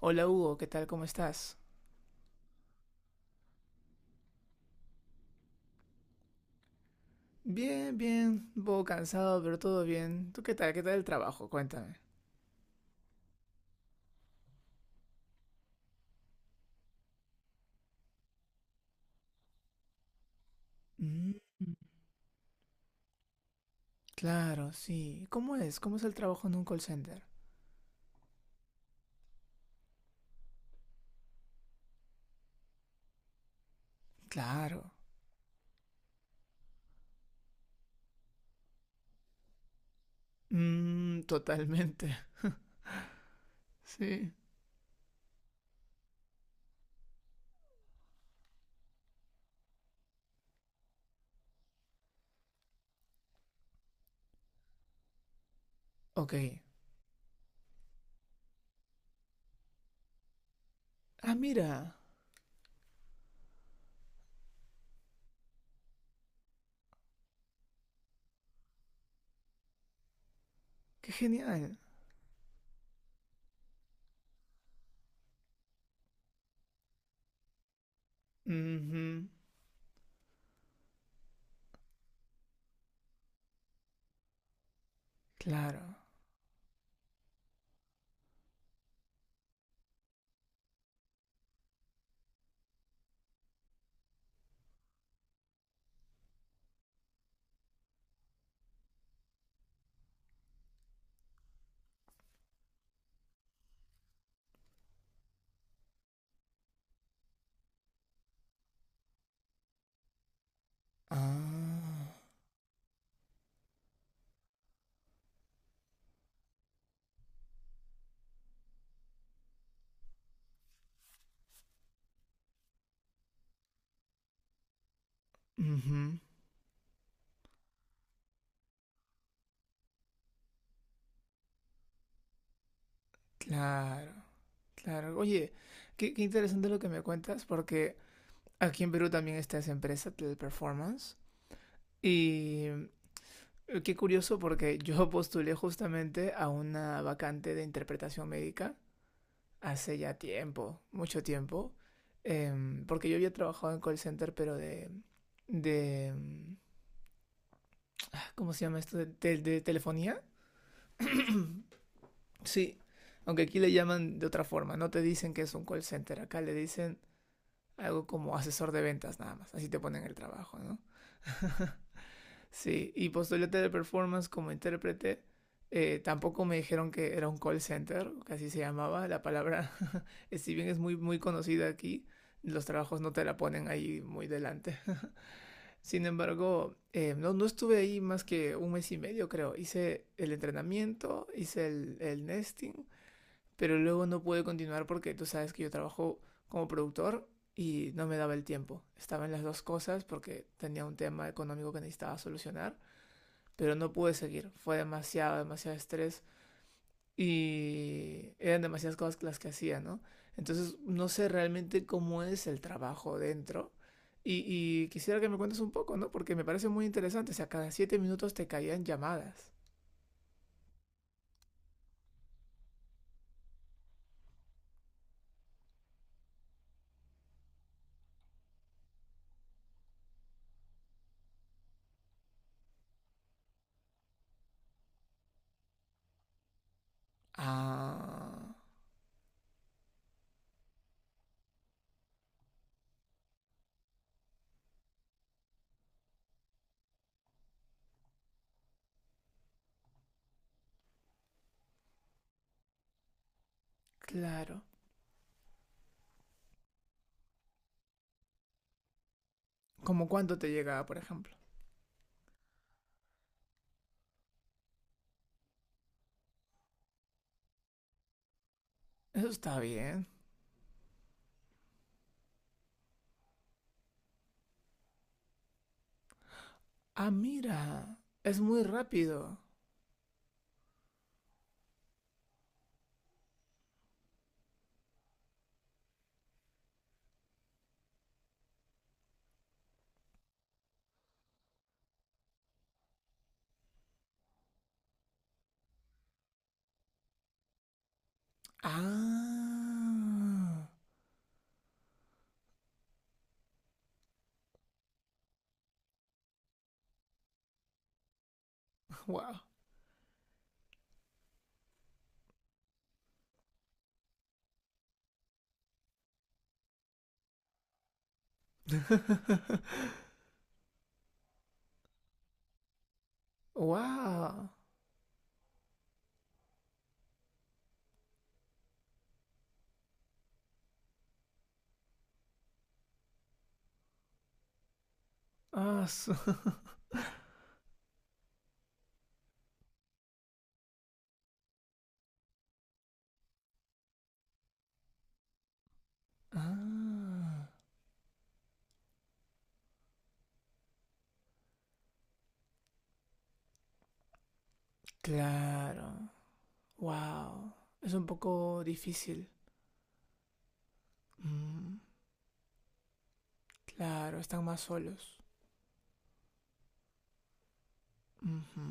Hola Hugo, ¿qué tal? ¿Cómo estás? Bien, bien, un poco cansado, pero todo bien. ¿Tú qué tal? ¿Qué tal el trabajo? Cuéntame. Mm, claro, sí. ¿Cómo es? ¿Cómo es el trabajo en un call center? Claro. Totalmente. Sí. Ok. Ah, mira, qué genial. Ujú. Claro. Ah. Ujú. Claro, claro. Oye, qué interesante lo que me cuentas, porque aquí en Perú también está esa empresa, Teleperformance. Y qué curioso porque yo postulé justamente a una vacante de interpretación médica hace ya tiempo, mucho tiempo, porque yo había trabajado en call center, pero de, em, ¿cómo se llama esto? ¿De telefonía? Sí, aunque aquí le llaman de otra forma, no te dicen que es un call center, acá le dicen algo como asesor de ventas nada más, así te ponen el trabajo, ¿no? Sí, y postulé Teleperformance como intérprete. Tampoco me dijeron que era un call center, que así se llamaba la palabra. Si bien es muy, muy conocida aquí, los trabajos no te la ponen ahí muy delante. Sin embargo, no, no estuve ahí más que un mes y medio, creo. Hice el entrenamiento, hice el nesting, pero luego no pude continuar porque tú sabes que yo trabajo como productor y no me daba el tiempo. Estaba en las dos cosas porque tenía un tema económico que necesitaba solucionar, pero no pude seguir. Fue demasiado, demasiado estrés y eran demasiadas cosas las que hacía, ¿no? Entonces no sé realmente cómo es el trabajo dentro. Y quisiera que me cuentes un poco, ¿no? Porque me parece muy interesante. O sea, cada siete minutos te caían llamadas. Ah, claro. ¿Como cuánto te llegaba, por ejemplo? Eso está bien. Ah, mira. Es muy rápido. Ah. Wow. Wow. Ah, Ah, claro. Wow. Es un poco difícil. Mm, claro, están más solos. Ujú.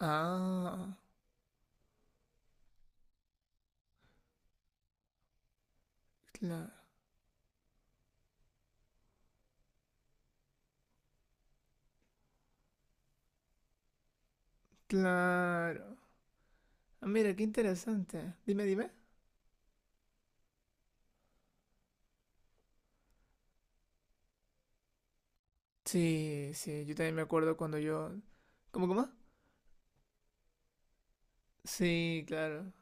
Ah, claro. Claro. Ah, mira, qué interesante. Dime, dime. Sí, sí, yo también me acuerdo cuando yo. ¿Cómo, cómo? Sí, claro.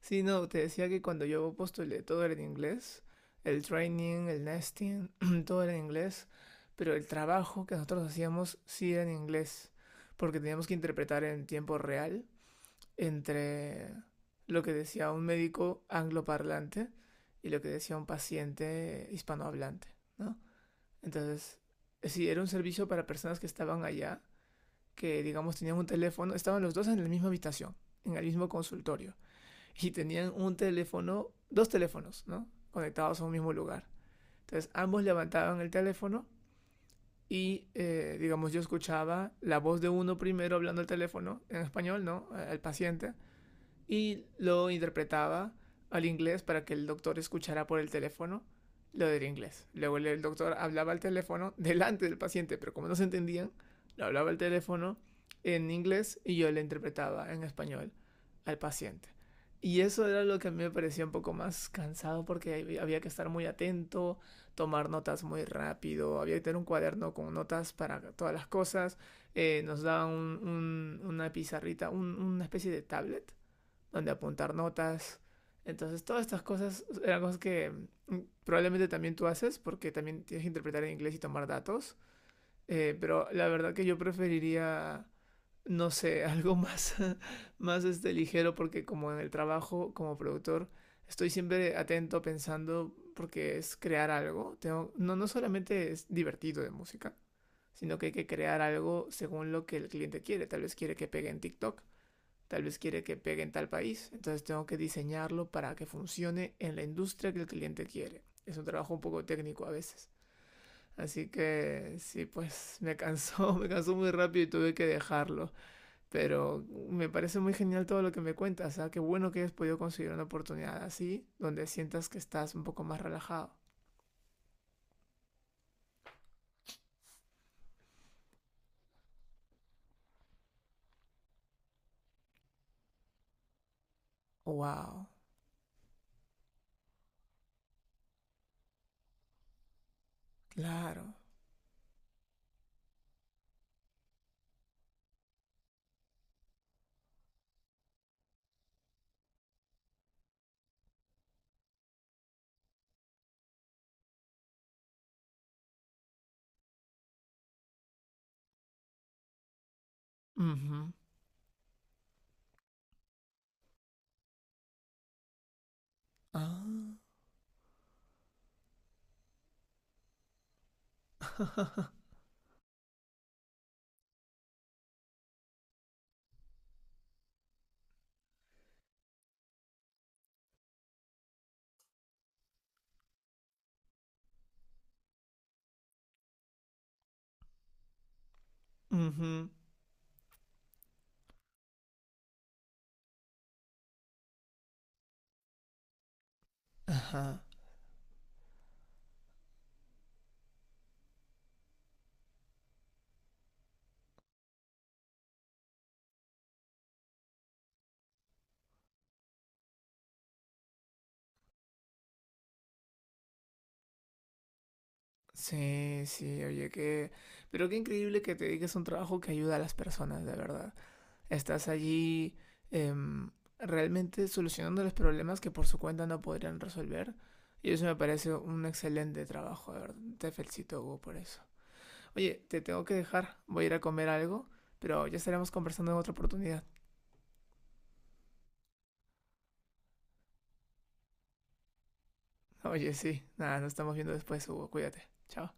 Sí, no, te decía que cuando yo postulé todo era en inglés, el training, el nesting, todo era en inglés, pero el trabajo que nosotros hacíamos sí era en inglés, porque teníamos que interpretar en tiempo real entre lo que decía un médico angloparlante y lo que decía un paciente hispanohablante, ¿no? Entonces, sí, era un servicio para personas que estaban allá, que digamos tenían un teléfono, estaban los dos en la misma habitación, en el mismo consultorio y tenían un teléfono, dos teléfonos, ¿no? Conectados a un mismo lugar. Entonces ambos levantaban el teléfono y, digamos, yo escuchaba la voz de uno primero hablando al teléfono, en español, ¿no? El paciente, y lo interpretaba al inglés para que el doctor escuchara por el teléfono lo del inglés. Luego el doctor hablaba al teléfono delante del paciente, pero como no se entendían, lo hablaba al teléfono en inglés y yo le interpretaba en español al paciente. Y eso era lo que a mí me parecía un poco más cansado porque había que estar muy atento, tomar notas muy rápido, había que tener un cuaderno con notas para todas las cosas. Nos daban una pizarrita, una especie de tablet donde apuntar notas. Entonces, todas estas cosas eran cosas que probablemente también tú haces porque también tienes que interpretar en inglés y tomar datos. Pero la verdad que yo preferiría, no sé, algo más, más este, ligero porque como en el trabajo, como productor, estoy siempre atento pensando porque es crear algo. Tengo, no, no solamente es divertido de música, sino que hay que crear algo según lo que el cliente quiere. Tal vez quiere que pegue en TikTok. Tal vez quiere que pegue en tal país, entonces tengo que diseñarlo para que funcione en la industria que el cliente quiere. Es un trabajo un poco técnico a veces. Así que sí, pues me cansó, me cansó muy rápido y tuve que dejarlo. Pero me parece muy genial todo lo que me cuentas. ¿Eh? Qué bueno que hayas podido conseguir una oportunidad así, donde sientas que estás un poco más relajado. ¡Wow! Claro. Uh -huh. Ah. Uh -huh. Ajá. Sí, sí, oye, qué. Pero qué increíble que te dediques a un trabajo que ayuda a las personas, de verdad. Estás allí em, realmente solucionando los problemas que por su cuenta no podrían resolver. Y eso me parece un excelente trabajo, de verdad. Te felicito, Hugo, por eso. Oye, te tengo que dejar. Voy a ir a comer algo, pero ya estaremos conversando en otra oportunidad. Oye, sí. Nada, nos estamos viendo después, Hugo. Cuídate. Chao.